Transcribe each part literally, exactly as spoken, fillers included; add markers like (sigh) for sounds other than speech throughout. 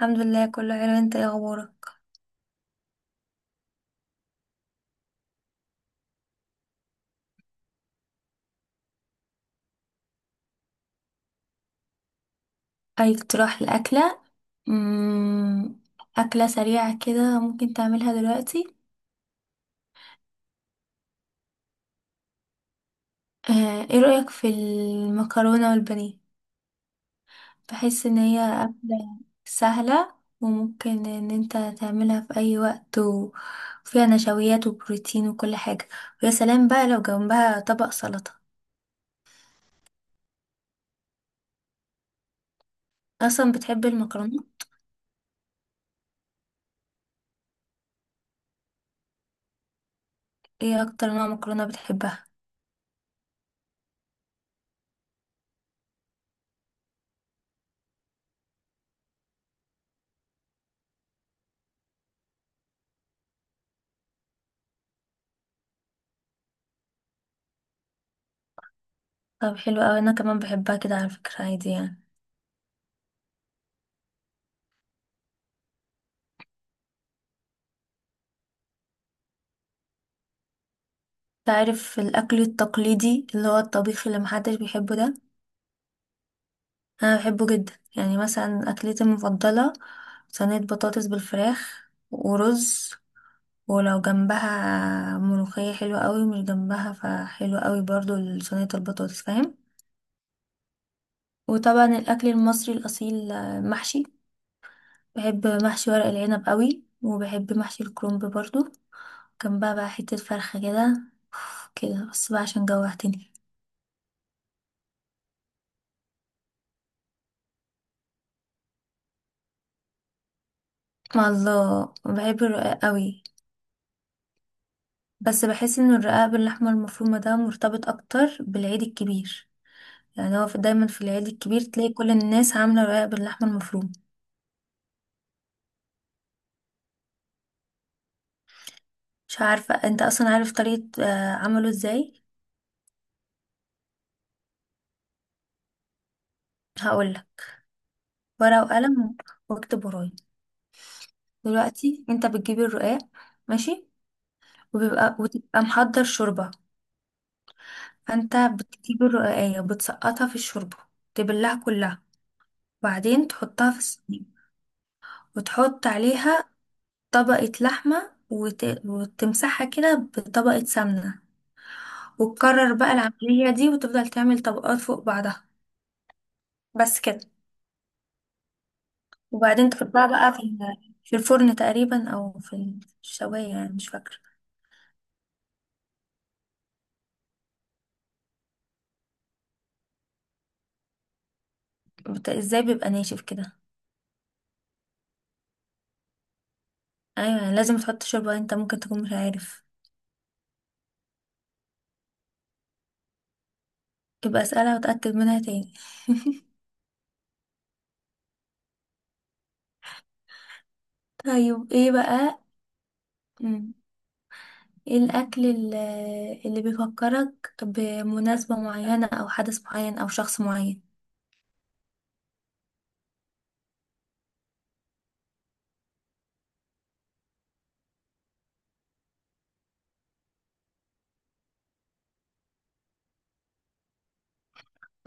الحمد لله كله حلو. انت ايه اخبارك؟ اي اقتراح لاكله. مم، اكله سريعه كده ممكن تعملها دلوقتي. آه، ايه رايك في المكرونه والبانيه؟ بحس ان هي اكله سهله، وممكن ان انت تعملها في اي وقت، وفيها نشويات وبروتين وكل حاجه. ويا سلام بقى لو جنبها طبق سلطه. اصلا بتحب المكرونه؟ ايه اكتر نوع مكرونه بتحبها؟ طب حلو اوي، انا كمان بحبها كده على فكره عادي يعني. تعرف الأكل التقليدي اللي هو الطبيخ اللي محدش بيحبه ده، أنا بحبه جدا. يعني مثلا أكلتي المفضلة صينية بطاطس بالفراخ ورز، ولو جنبها ملوخية حلوة قوي، مش جنبها فحلوة قوي برضو صينية البطاطس، فاهم؟ وطبعا الأكل المصري الأصيل، آه، محشي. بحب محشي ورق العنب قوي، وبحب محشي الكرنب برضو، جنبها بقى حتة فرخة كده. كده بس بقى عشان جوعتني. مع الله بحب الرقاق قوي، بس بحس ان الرقاق باللحمة المفرومة ده مرتبط اكتر بالعيد الكبير. يعني هو في دايما في العيد الكبير تلاقي كل الناس عاملة رقاق باللحمة المفرومة. مش عارفة انت اصلا عارف طريقة آه، عمله ازاي. هقولك، ورقة وقلم، واكتب ورايا. دلوقتي انت بتجيب الرقاق. ماشي. وبيبقى وتبقى محضر شوربة. فانت بتجيب الرقاقية، بتسقطها في الشوربة، تبلها كلها، وبعدين تحطها في الصينية، وتحط عليها طبقة لحمة، وت... وتمسحها كده بطبقة سمنة. وتكرر بقى العملية دي، وتفضل تعمل طبقات فوق بعضها. بس كده. وبعدين تحطها بقى في ال- في الفرن تقريبا، أو في الشواية، يعني مش فاكرة. بت... ازاي بيبقى ناشف كده؟ أيوة لازم تحط شوربة، انت ممكن تكون مش عارف. يبقى اسألها وتأكد منها تاني. طيب ايه بقى. مم. ايه الأكل ال- اللي بيفكرك بمناسبة معينة أو حدث معين أو شخص معين؟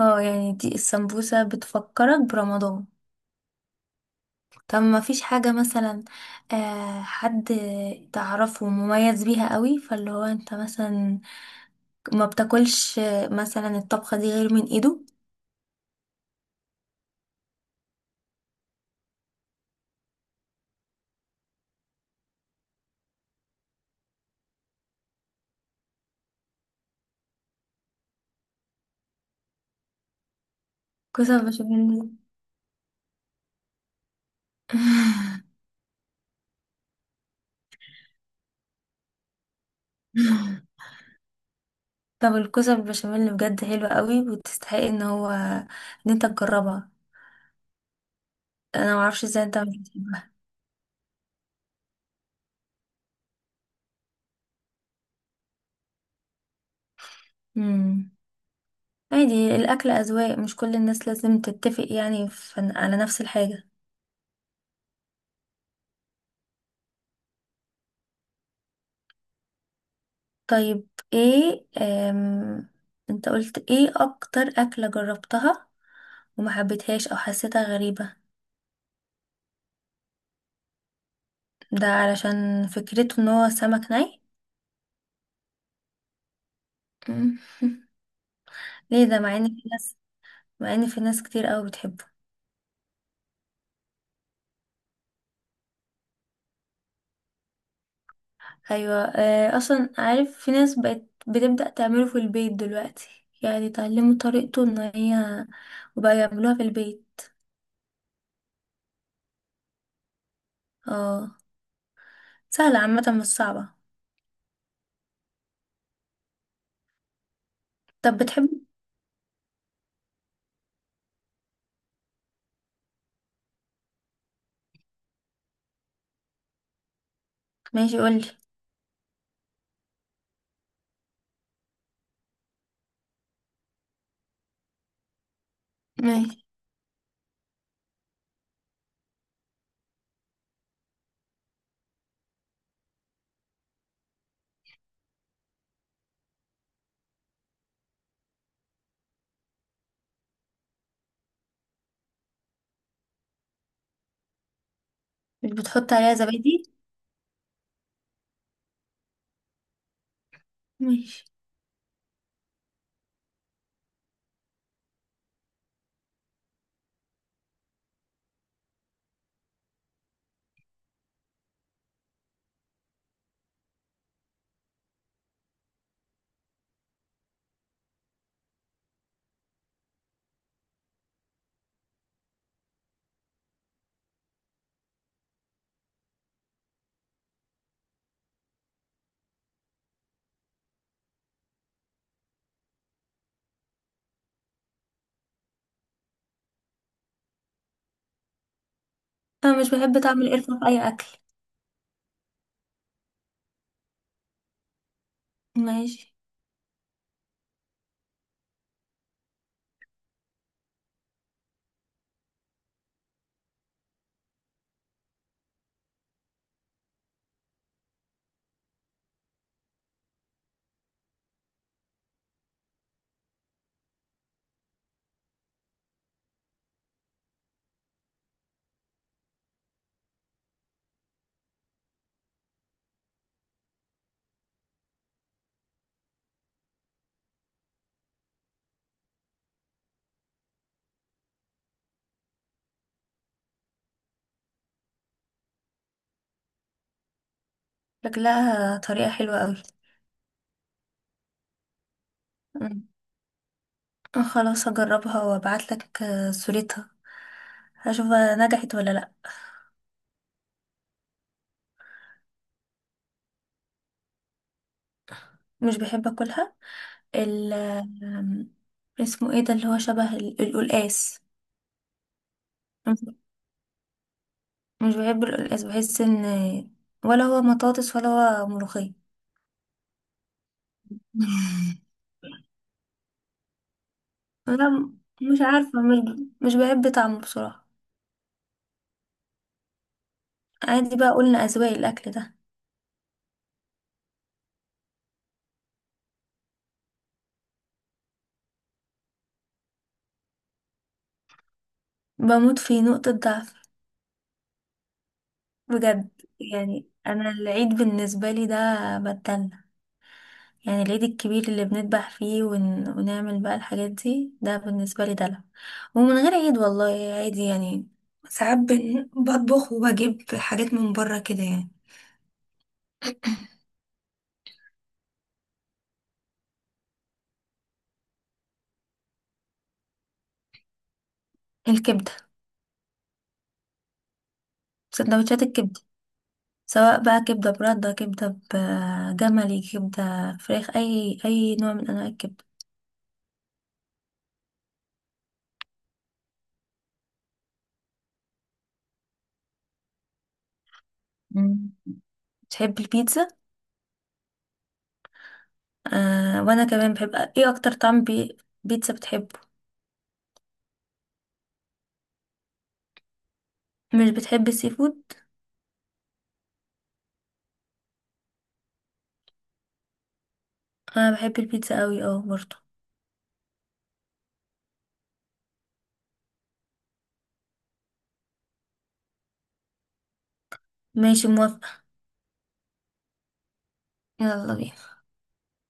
اه يعني دي السمبوسة بتفكرك برمضان. طب ما فيش حاجة مثلا، آه، حد تعرفه مميز بيها قوي، فاللي هو انت مثلا ما بتاكلش، آه، مثلا الطبخة دي غير من ايده؟ كوسة بشاميل. (laughs) طب الكوسة بالبشاميل بجد حلوة قوي، وتستحق ان هو ان انت تجربها. انا معرفش ازاي انت مش بتحبها. مم. عادي، الاكل اذواق، مش كل الناس لازم تتفق يعني في على نفس الحاجة. طيب ايه، أم... انت قلت ايه اكتر اكلة جربتها وما حبيتهاش او حسيتها غريبة؟ ده علشان فكرته ان هو سمك ني؟ مم. (laughs) ليه ده، مع ان في ناس، مع ان في ناس كتير قوي بتحبه. ايوه، آه، اصلا عارف في ناس بقت بتبدأ تعمله في البيت دلوقتي، يعني اتعلموا طريقته ان هي وبقى يعملوها في البيت. اه، سهلة عامة، مش صعبة. طب بتحب. ماشي قولي. ماشي. مش بتحط عليها زبادي؟ ماشي. انا مش بحب طعم القرفة في اي اكل. ماشي. شكلها طريقة حلوة قوي. أمم. خلاص هجربها وابعت لك صورتها، هشوف بقى نجحت ولا لا. مش بحب اكلها، ال آم، اسمه ايه ده اللي هو شبه ال- القلقاس. مش مش بحب القلقاس، بحس ان ولا هو مطاطس ولا هو ملوخية. (laughs) لا، م- مش عارفة، مش ب- مش بحب طعمه بصراحة. عادي بقى، قلنا أذواق الأكل ده. بموت في، نقطة ضعف بجد. يعني انا العيد بالنسبه لي ده بتدلع، يعني العيد الكبير اللي بنذبح فيه ون... ونعمل بقى الحاجات دي، ده بالنسبه لي دلع. ومن غير عيد والله عادي يعني، ساعات بن- بطبخ وبجيب حاجات من بره كده يعني. الكبده. سندوتشات الكبده، سواء بقى كبده برده، كبده بجملي، كبده فراخ، اي اي نوع من انواع الكبده. مم. بتحب البيتزا؟ آه، وانا كمان بحب. ايه اكتر طعم بي... بيتزا بتحبه؟ مش بتحب السي فود؟ انا بحب البيتزا قوي اه برضه. ماشي موافقة. يلا بينا.